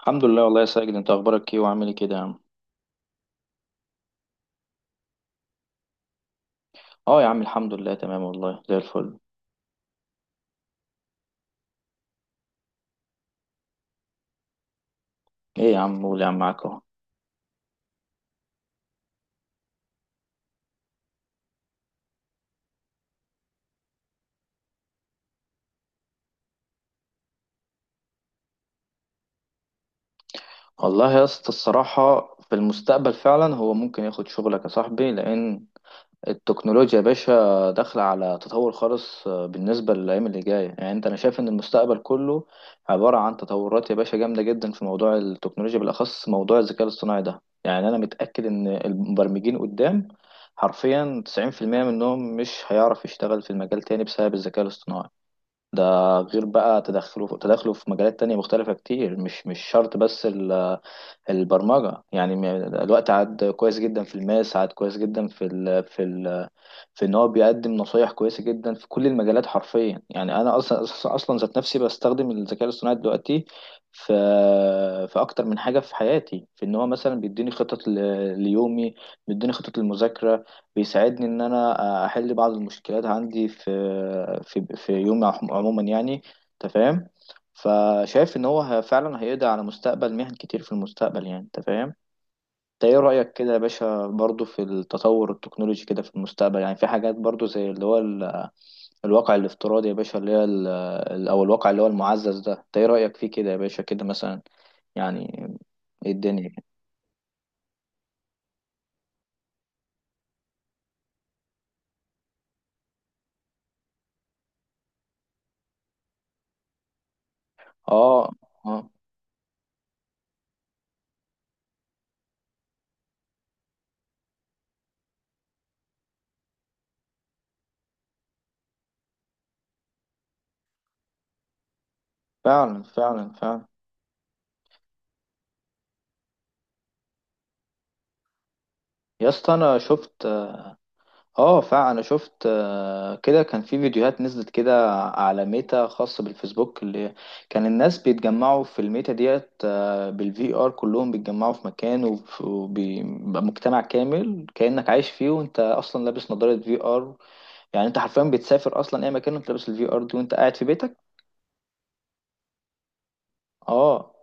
الحمد لله والله يا ساجد، انت اخبارك ايه وعامل ايه كده يا عم؟ اه يا عم، الحمد لله، تمام والله زي الفل. ايه يا عم؟ قول يا عم، معاك اهو. والله يا اسطى، الصراحه في المستقبل فعلا هو ممكن ياخد شغلك يا صاحبي، لان التكنولوجيا يا باشا داخلة على تطور خالص. بالنسبة للأيام اللي جاية، يعني أنا شايف إن المستقبل كله عبارة عن تطورات يا باشا جامدة جدا في موضوع التكنولوجيا، بالأخص موضوع الذكاء الاصطناعي ده. يعني أنا متأكد إن المبرمجين قدام حرفيا 90% منهم مش هيعرف يشتغل في المجال تاني بسبب الذكاء الاصطناعي. ده غير بقى تدخله في مجالات تانية مختلفة كتير، مش شرط بس البرمجة يعني. الوقت عاد كويس جدا، في الماس عاد كويس جدا في ان هو بيقدم نصايح كويسه جدا في كل المجالات حرفيا. يعني انا اصلا اصلا أصلاً ذات نفسي بستخدم الذكاء الاصطناعي دلوقتي، في في اكتر من حاجه في حياتي، في ان هو مثلا بيديني خطط ليومي، بيديني خطط للمذاكره، بيساعدني ان انا احل بعض المشكلات عندي في يومي عموما يعني. انت فاهم؟ فشايف ان هو فعلا هيقضي على مستقبل مهن كتير في المستقبل، يعني انت فاهم. انت ايه رأيك كده يا باشا برضو في التطور التكنولوجي كده في المستقبل؟ يعني في حاجات برضو زي اللي هو الواقع الافتراضي يا باشا، اللي هي او الواقع اللي هو المعزز ده. انت ايه رأيك فيه كده يا باشا كده مثلا؟ يعني ايه الدنيا كده؟ اه، اه، فعلا فعلا فعلا. يا اسطى انا شفت اه فعلا، انا شفت كده كان في فيديوهات نزلت كده على ميتا، خاصة بالفيسبوك، اللي كان الناس بيتجمعوا في الميتا ديت بالفي ار، كلهم بيتجمعوا في مكان، وبيبقى مجتمع كامل كأنك عايش فيه، وانت اصلا لابس نظارة في ار. يعني انت حرفيا بتسافر اصلا اي مكان وانت لابس الفي ار دي وانت قاعد في بيتك. اه،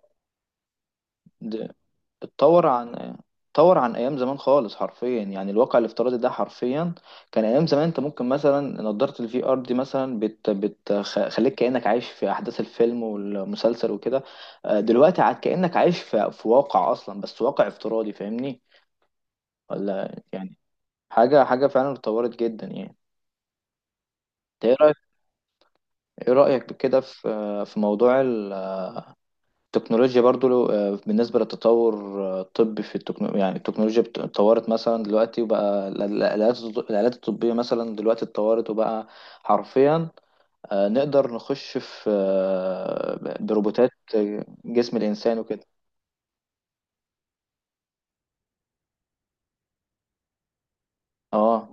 اتطور عن اتطور عن ايام زمان خالص، حرفيا يعني. الواقع الافتراضي ده حرفيا كان ايام زمان، انت ممكن مثلا نضاره الفي ار دي مثلا بتخليك كانك عايش في احداث الفيلم والمسلسل وكده. دلوقتي عاد كانك عايش في واقع اصلا، بس واقع افتراضي، فاهمني ولا يعني. حاجه حاجه فعلا اتطورت جدا يعني. إنت ايه رايك كده في موضوع التكنولوجيا برضو؟ بالنسبة للتطور الطبي في التكنولوجيا، يعني التكنولوجيا اتطورت مثلا دلوقتي، وبقى الآلات الطبية مثلا دلوقتي اتطورت، وبقى حرفيا نقدر نخش في بروبوتات جسم الإنسان وكده. اه،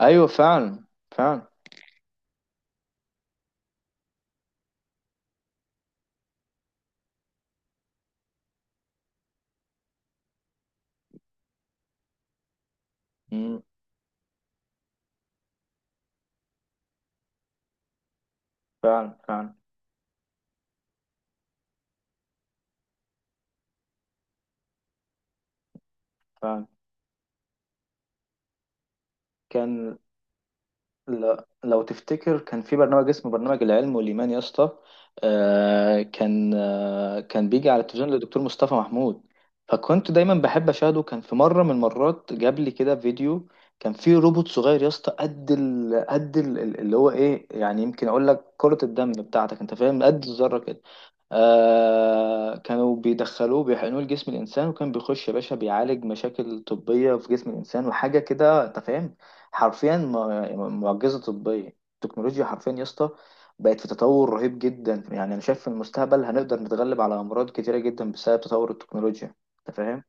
أيوه، فعلا فعلا، مم، فعلا فعلا فعلا. كان لا لو تفتكر كان في برنامج اسمه برنامج العلم والإيمان يا اسطى، كان بيجي على التلفزيون للدكتور مصطفى محمود. فكنت دايما بحب أشاهده. كان في مرة من المرات جاب لي كده فيديو، كان فيه روبوت صغير يا اسطى اللي هو ايه، يعني يمكن اقول لك كرة الدم بتاعتك، انت فاهم، قد الذرة كده. آه، كانوا بيدخلوه، بيحقنوه لجسم الإنسان، وكان بيخش يا باشا بيعالج مشاكل طبية في جسم الإنسان وحاجة كده، أنت فاهم. حرفيا معجزة طبية. التكنولوجيا حرفيا يا اسطى بقت في تطور رهيب جدا. يعني انا شايف في المستقبل هنقدر نتغلب على امراض كتيرة جدا بسبب تطور التكنولوجيا، انت فاهم.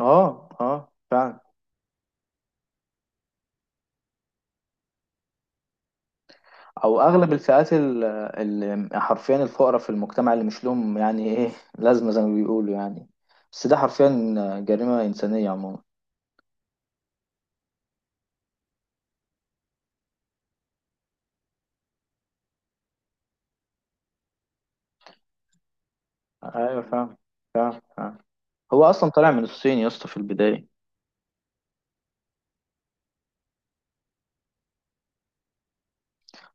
اه، اه، فعلا. او اغلب الفئات اللي حرفيا الفقراء في المجتمع اللي مش لهم يعني ايه لازمة، زي ما بيقولوا يعني. بس ده حرفيا جريمة انسانية عموما. ايوه فاهم، فاهم فاهم. هو اصلا طالع من الصين يا اسطى في البداية.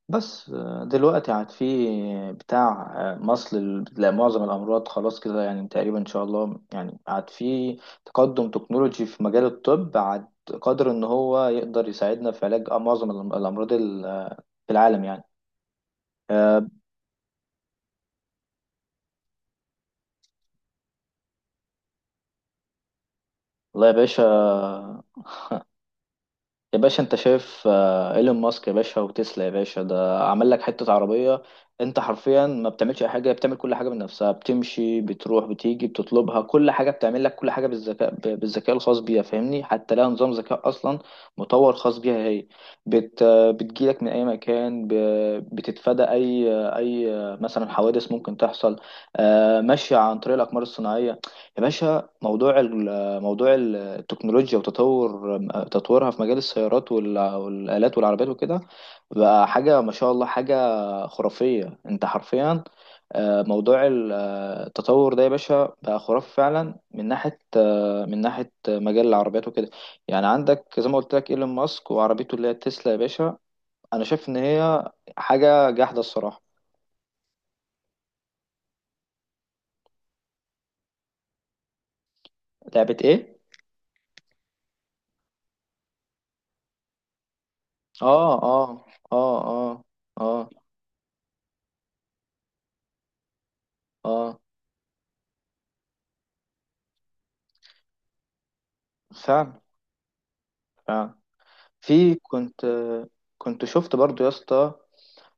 بس دلوقتي عاد في بتاع مصل لا، معظم الأمراض خلاص كده يعني تقريبا إن شاء الله. يعني عاد في تقدم تكنولوجي في مجال الطب، عاد قادر إن هو يقدر يساعدنا في علاج معظم الأمراض في العالم يعني، آه، والله يا باشا انت شايف ايلون ماسك يا باشا وتسلا يا باشا، ده عمل لك حتة عربية انت حرفيا ما بتعملش اي حاجة، بتعمل كل حاجة بنفسها، بتمشي بتروح بتيجي بتطلبها، كل حاجة بتعمل لك كل حاجة بالذكاء بالذكاء الخاص بيها، فاهمني. حتى لها نظام ذكاء اصلا مطور خاص بيها هي، بتجيلك من اي مكان، بتتفادى اي اي مثلا حوادث ممكن تحصل، ماشية عن طريق الاقمار الصناعية. يا باشا موضوع موضوع التكنولوجيا وتطور تطورها في مجال السيارات والآلات والعربيات وكده بقى حاجة ما شاء الله، حاجة خرافية. انت حرفيا موضوع التطور ده يا باشا بقى خرافي فعلا من ناحية، من ناحية آه، مجال العربيات وكده. يعني عندك زي ما قلت لك ايلون ماسك، وعربيته اللي هي التسلا يا باشا. انا شايف ان هي حاجة جاحدة الصراحة. لعبة ايه؟ اه، اه، اه، اه، اه، اه، فعلا فعلا. في كنت كنت شفت برضو يا اسطى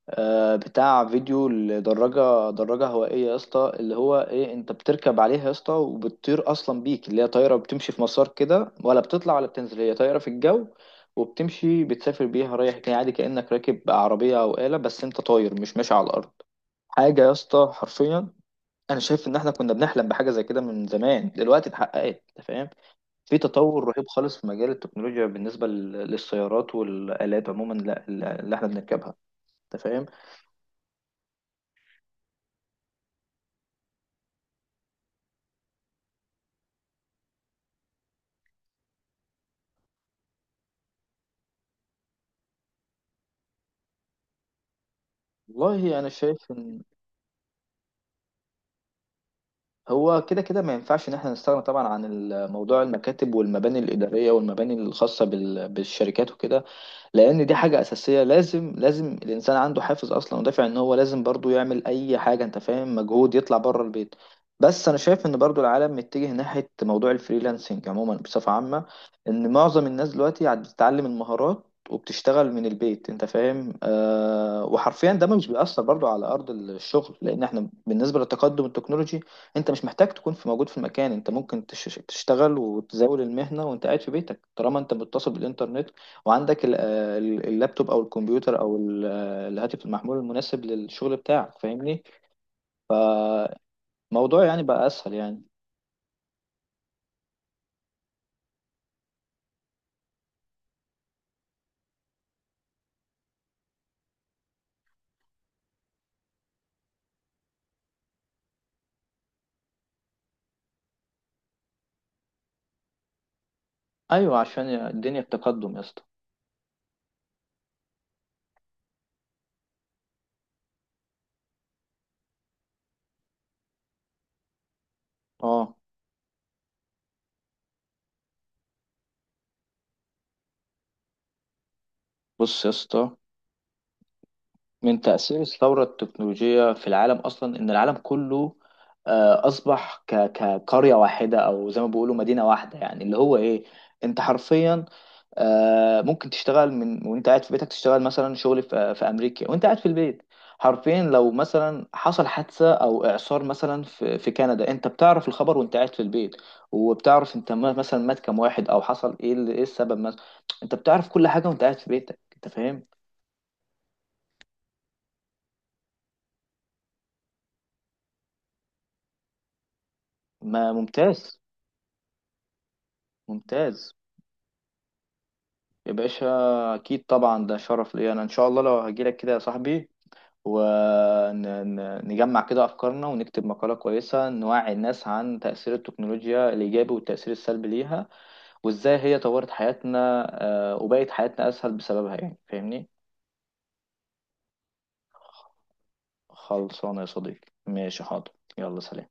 بتاع فيديو لدراجة هوائية يا اسطى، اللي هو ايه، انت بتركب عليها يا اسطى وبتطير اصلا بيك، اللي هي طايرة بتمشي في مسار كده، ولا بتطلع ولا بتنزل، هي طايرة في الجو، وبتمشي بتسافر بيها رايح جاي عادي كأنك راكب عربية او آلة، بس انت طاير مش ماشي على الارض. حاجة يا اسطى حرفيا. انا شايف ان احنا كنا بنحلم بحاجة زي كده من زمان، دلوقتي اتحققت، انت فاهم. في تطور رهيب خالص في مجال التكنولوجيا بالنسبة للسيارات والآلات عموما، اللي احنا بنركبها، انت فاهم. والله انا شايف ان هو كده كده ما ينفعش ان احنا نستغنى طبعا عن موضوع المكاتب والمباني الإدارية والمباني الخاصة بالشركات وكده، لان دي حاجه اساسيه. لازم لازم الانسان عنده حافز اصلا ودافع ان هو لازم برضو يعمل اي حاجه، انت فاهم، مجهود يطلع بره البيت. بس انا شايف ان برضو العالم متجه ناحيه موضوع الفريلانسنج عموما بصفه عامه، ان معظم الناس دلوقتي عاد بتتعلم المهارات وبتشتغل من البيت، انت فاهم. وحرفيا ده مش بيأثر برضو على ارض الشغل، لان احنا بالنسبه للتقدم التكنولوجي انت مش محتاج تكون في موجود في المكان. انت ممكن تشتغل وتزاول المهنه وانت قاعد في بيتك، طالما انت متصل بالانترنت وعندك اللابتوب او الكمبيوتر او الهاتف المحمول المناسب للشغل بتاعك، فاهمني. الموضوع يعني بقى اسهل يعني. ايوه، عشان الدنيا التقدم يا اسطى. اه، بص يا اسطى، من تأثير الثورة التكنولوجية في العالم أصلا إن العالم كله أصبح كقرية واحدة، أو زي ما بيقولوا مدينة واحدة. يعني اللي هو إيه، أنت حرفيا ممكن تشتغل من وانت قاعد في بيتك، تشتغل مثلا شغل في في امريكا وانت قاعد في البيت. حرفيا لو مثلا حصل حادثة او اعصار مثلا في كندا، انت بتعرف الخبر وانت قاعد في البيت، وبتعرف انت مثلا مات كام واحد او حصل ايه، ايه السبب مثلا. انت بتعرف كل حاجة وانت قاعد في بيتك، انت فاهم. ما ممتاز، ممتاز. يا باشا اكيد طبعا، ده شرف ليا انا ان شاء الله لو هجيلك كده يا صاحبي، ونجمع كده أفكارنا ونكتب مقالة كويسة نوعي الناس عن تأثير التكنولوجيا الإيجابي والتأثير السلبي ليها، وإزاي هي طورت حياتنا، وبقت حياتنا أسهل بسببها يعني، فاهمني؟ خلصانة يا صديقي، ماشي حاضر. يلا سلام.